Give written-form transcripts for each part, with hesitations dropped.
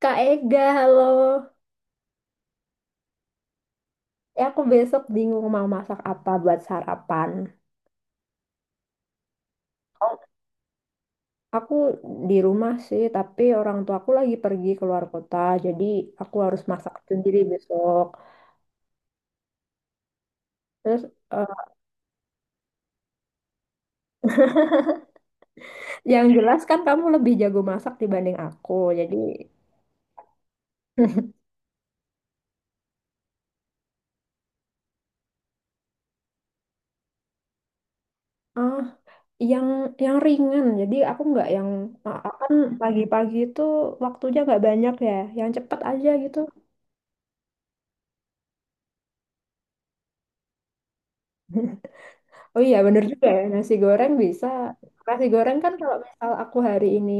Kak Ega, halo. Ya, aku besok bingung mau masak apa buat sarapan. Oh. Aku di rumah sih, tapi orang tuaku lagi pergi keluar kota, jadi aku harus masak sendiri besok. Terus, eh, yang jelas kan kamu lebih jago masak dibanding aku, jadi ah yang yang ringan. Jadi aku nggak yang ah, kan pagi-pagi itu waktunya nggak banyak ya, yang cepet aja gitu. Oh iya, bener juga ya. Nasi goreng bisa. Nasi goreng kan kalau misal aku hari ini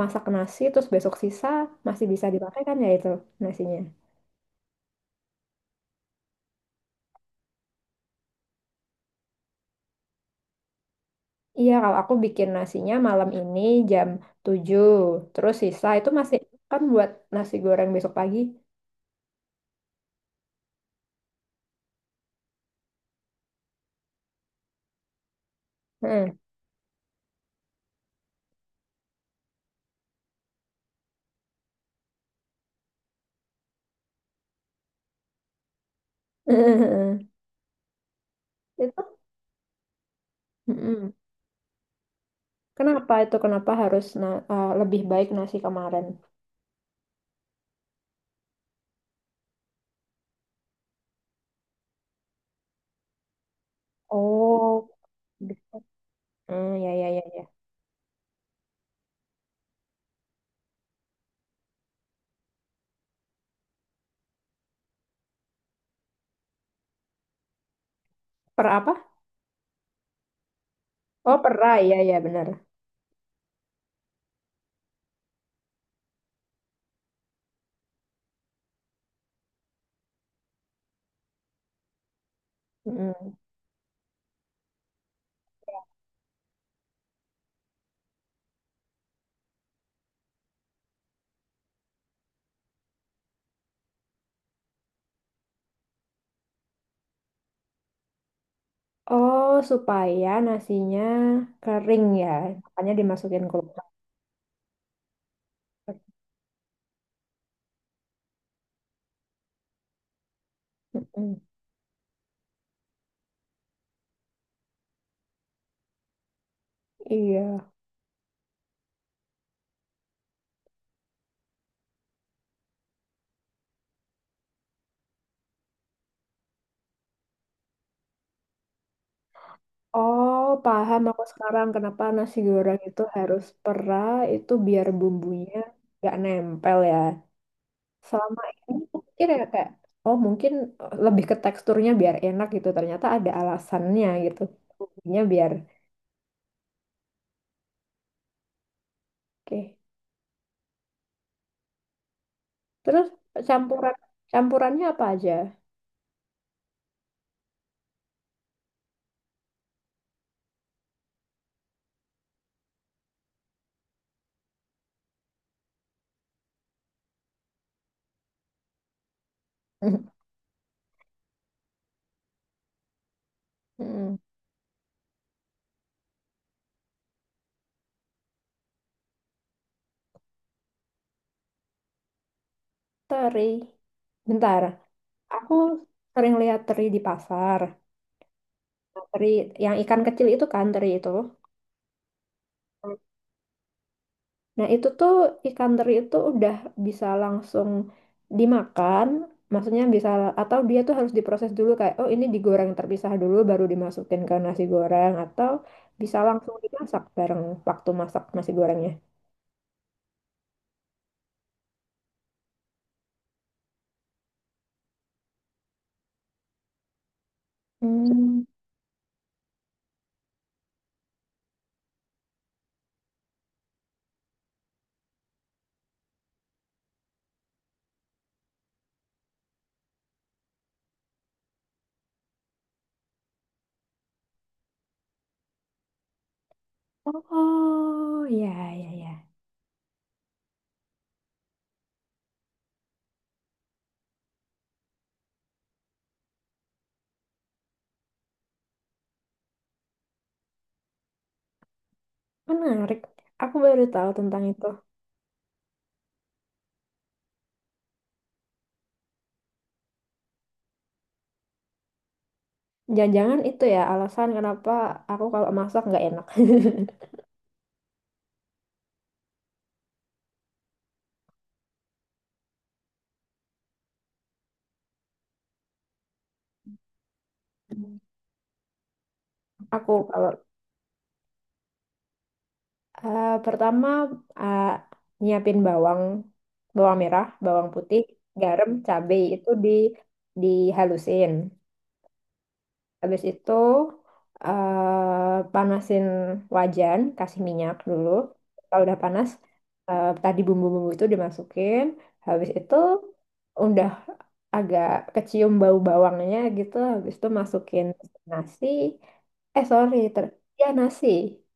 masak nasi, terus besok sisa masih bisa dipakai kan ya itu nasinya. Iya, kalau aku bikin nasinya malam ini jam 7 terus sisa itu masih kan buat nasi goreng besok pagi. Heeh. Itu mm-mm. Kenapa itu? Kenapa harus lebih baik nasi kemarin? Oh, gitu. Hmm, ya, ya, ya, ya. Per apa? Oh, ya, ya, benar. Oh, supaya nasinya kering ya, makanya dimasukin kulkas. Mm-mm. Iya. Oh, paham aku sekarang kenapa nasi goreng itu harus pera itu biar bumbunya nggak nempel ya. Selama ini aku pikir ya kayak, oh mungkin lebih ke teksturnya biar enak gitu. Ternyata ada alasannya gitu. Bumbunya biar oke. Terus campuran campurannya apa aja? Mm. Teri. Bentar, aku sering lihat teri di pasar. Nah, teri yang ikan kecil itu kan teri itu. Nah, itu tuh ikan teri itu udah bisa langsung dimakan. Maksudnya bisa atau dia tuh harus diproses dulu kayak oh ini digoreng terpisah dulu baru dimasukin ke nasi goreng atau bisa langsung dimasak bareng waktu masak nasi gorengnya. Hmm. Oh, ya ya ya. Menarik. Aku baru tahu tentang itu. Jangan-jangan itu ya alasan kenapa aku kalau masak nggak enak. Aku kalau pertama eh, nyiapin bawang, bawang merah, bawang putih, garam, cabai itu dihalusin. Habis itu panasin wajan, kasih minyak dulu. Kalau udah panas, tadi bumbu-bumbu itu dimasukin. Habis itu udah agak kecium bau bawangnya gitu. Habis itu masukin nasi. Eh sorry, ter ya nasi.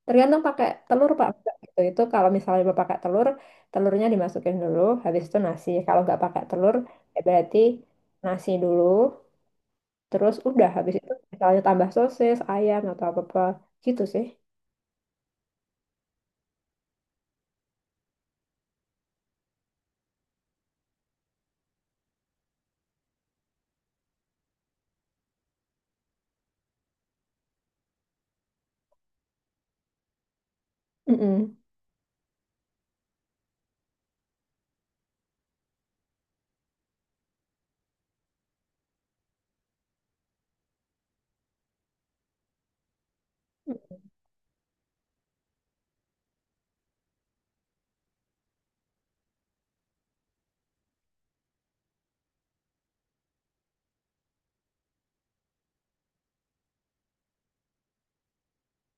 Tergantung pakai telur pak enggak gitu. Itu kalau misalnya mau pakai telur, telurnya dimasukin dulu. Habis itu nasi. Kalau nggak pakai telur, ya berarti nasi dulu. Terus udah habis itu misalnya tambah sosis, ayam atau apa-apa gitu sih. Mm-mm.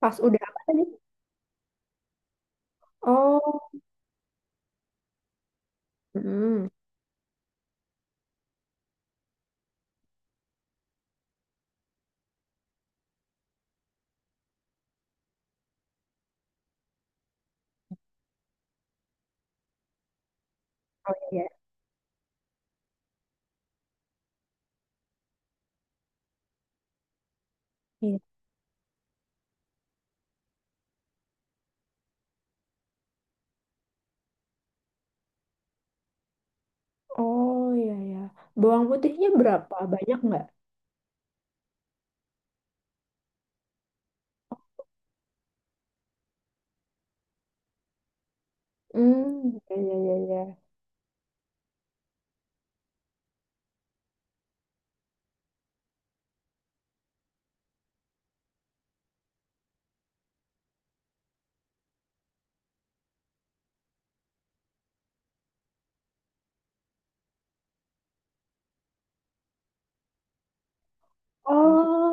Pas udah apa tadi? Oh, mm-mm. Oh iya. Iya. Oh iya ya. Bawang putihnya berapa? Banyak nggak? Hmm, iya iya iya. Iya. Oh,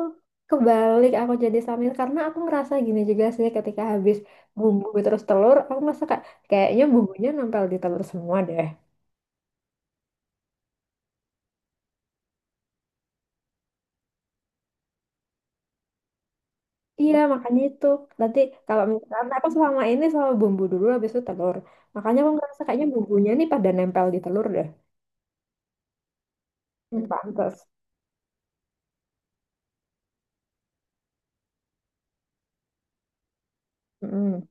kebalik aku jadi samir karena aku ngerasa gini juga sih ketika habis bumbu terus telur, aku ngerasa kayak kayaknya bumbunya nempel di telur semua deh. Iya, makanya itu. Nanti kalau misalkan aku selama ini selalu bumbu dulu habis itu telur. Makanya aku ngerasa kayaknya bumbunya nih pada nempel di telur deh. Hmm, pantes. Mm-mm.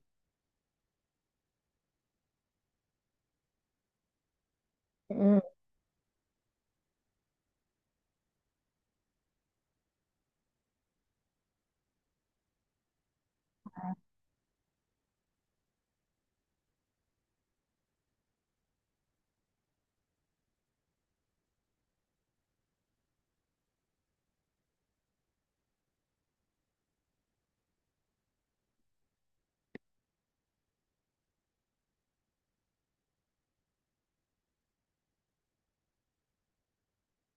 Mm-mm.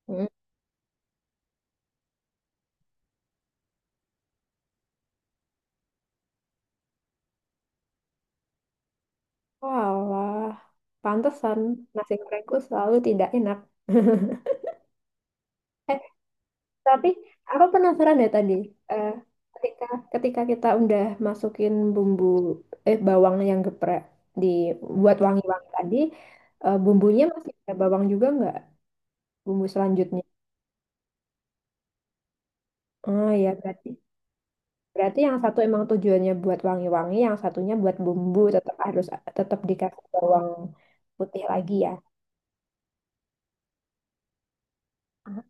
Mm-mm. Walah, pantesan nasi gorengku selalu tidak enak. Eh, tapi aku penasaran deh tadi. Eh, ketika ketika kita udah masukin bumbu bawang yang geprek di buat wangi-wangi tadi, bumbunya masih ada bawang juga nggak? Bumbu selanjutnya. Oh ya berarti. Berarti yang satu emang tujuannya buat wangi-wangi, yang satunya buat bumbu, tetap dikasih bawang putih lagi ya. Ah.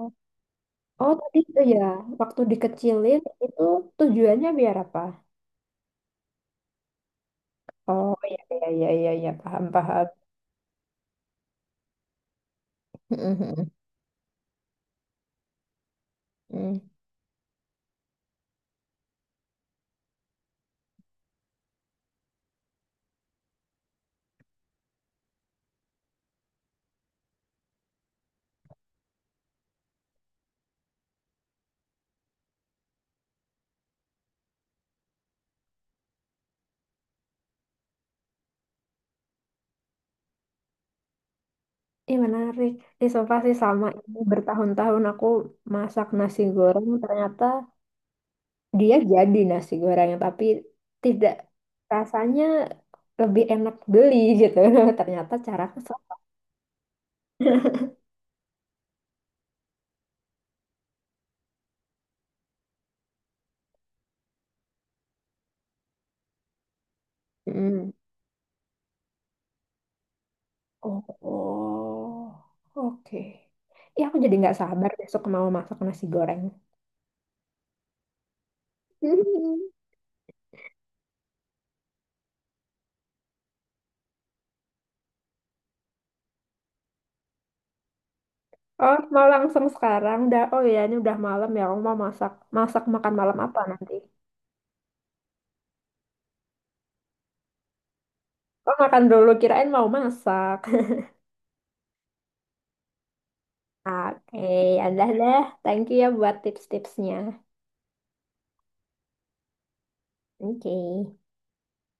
Oh, oh, tadi itu ya, waktu dikecilin itu tujuannya biar apa? Oh iya iya iya iya, iya. Paham paham. Hmm. Ih menarik. Ih sumpah sih sama ini bertahun-tahun aku masak nasi goreng ternyata dia jadi nasi gorengnya tapi tidak rasanya lebih enak beli gitu. Ternyata cara kesel. Mm. Oh, oh, oke. Ya aku jadi nggak sabar besok mau masak nasi goreng. Hmm. Oh, mau langsung sekarang dah. Oh ya, ini udah malam ya. Aku mau masak. Masak makan malam apa nanti? Oh, makan dulu. Kirain mau masak. Oke, ya udah deh. Thank you ya buat tips-tipsnya. Oke.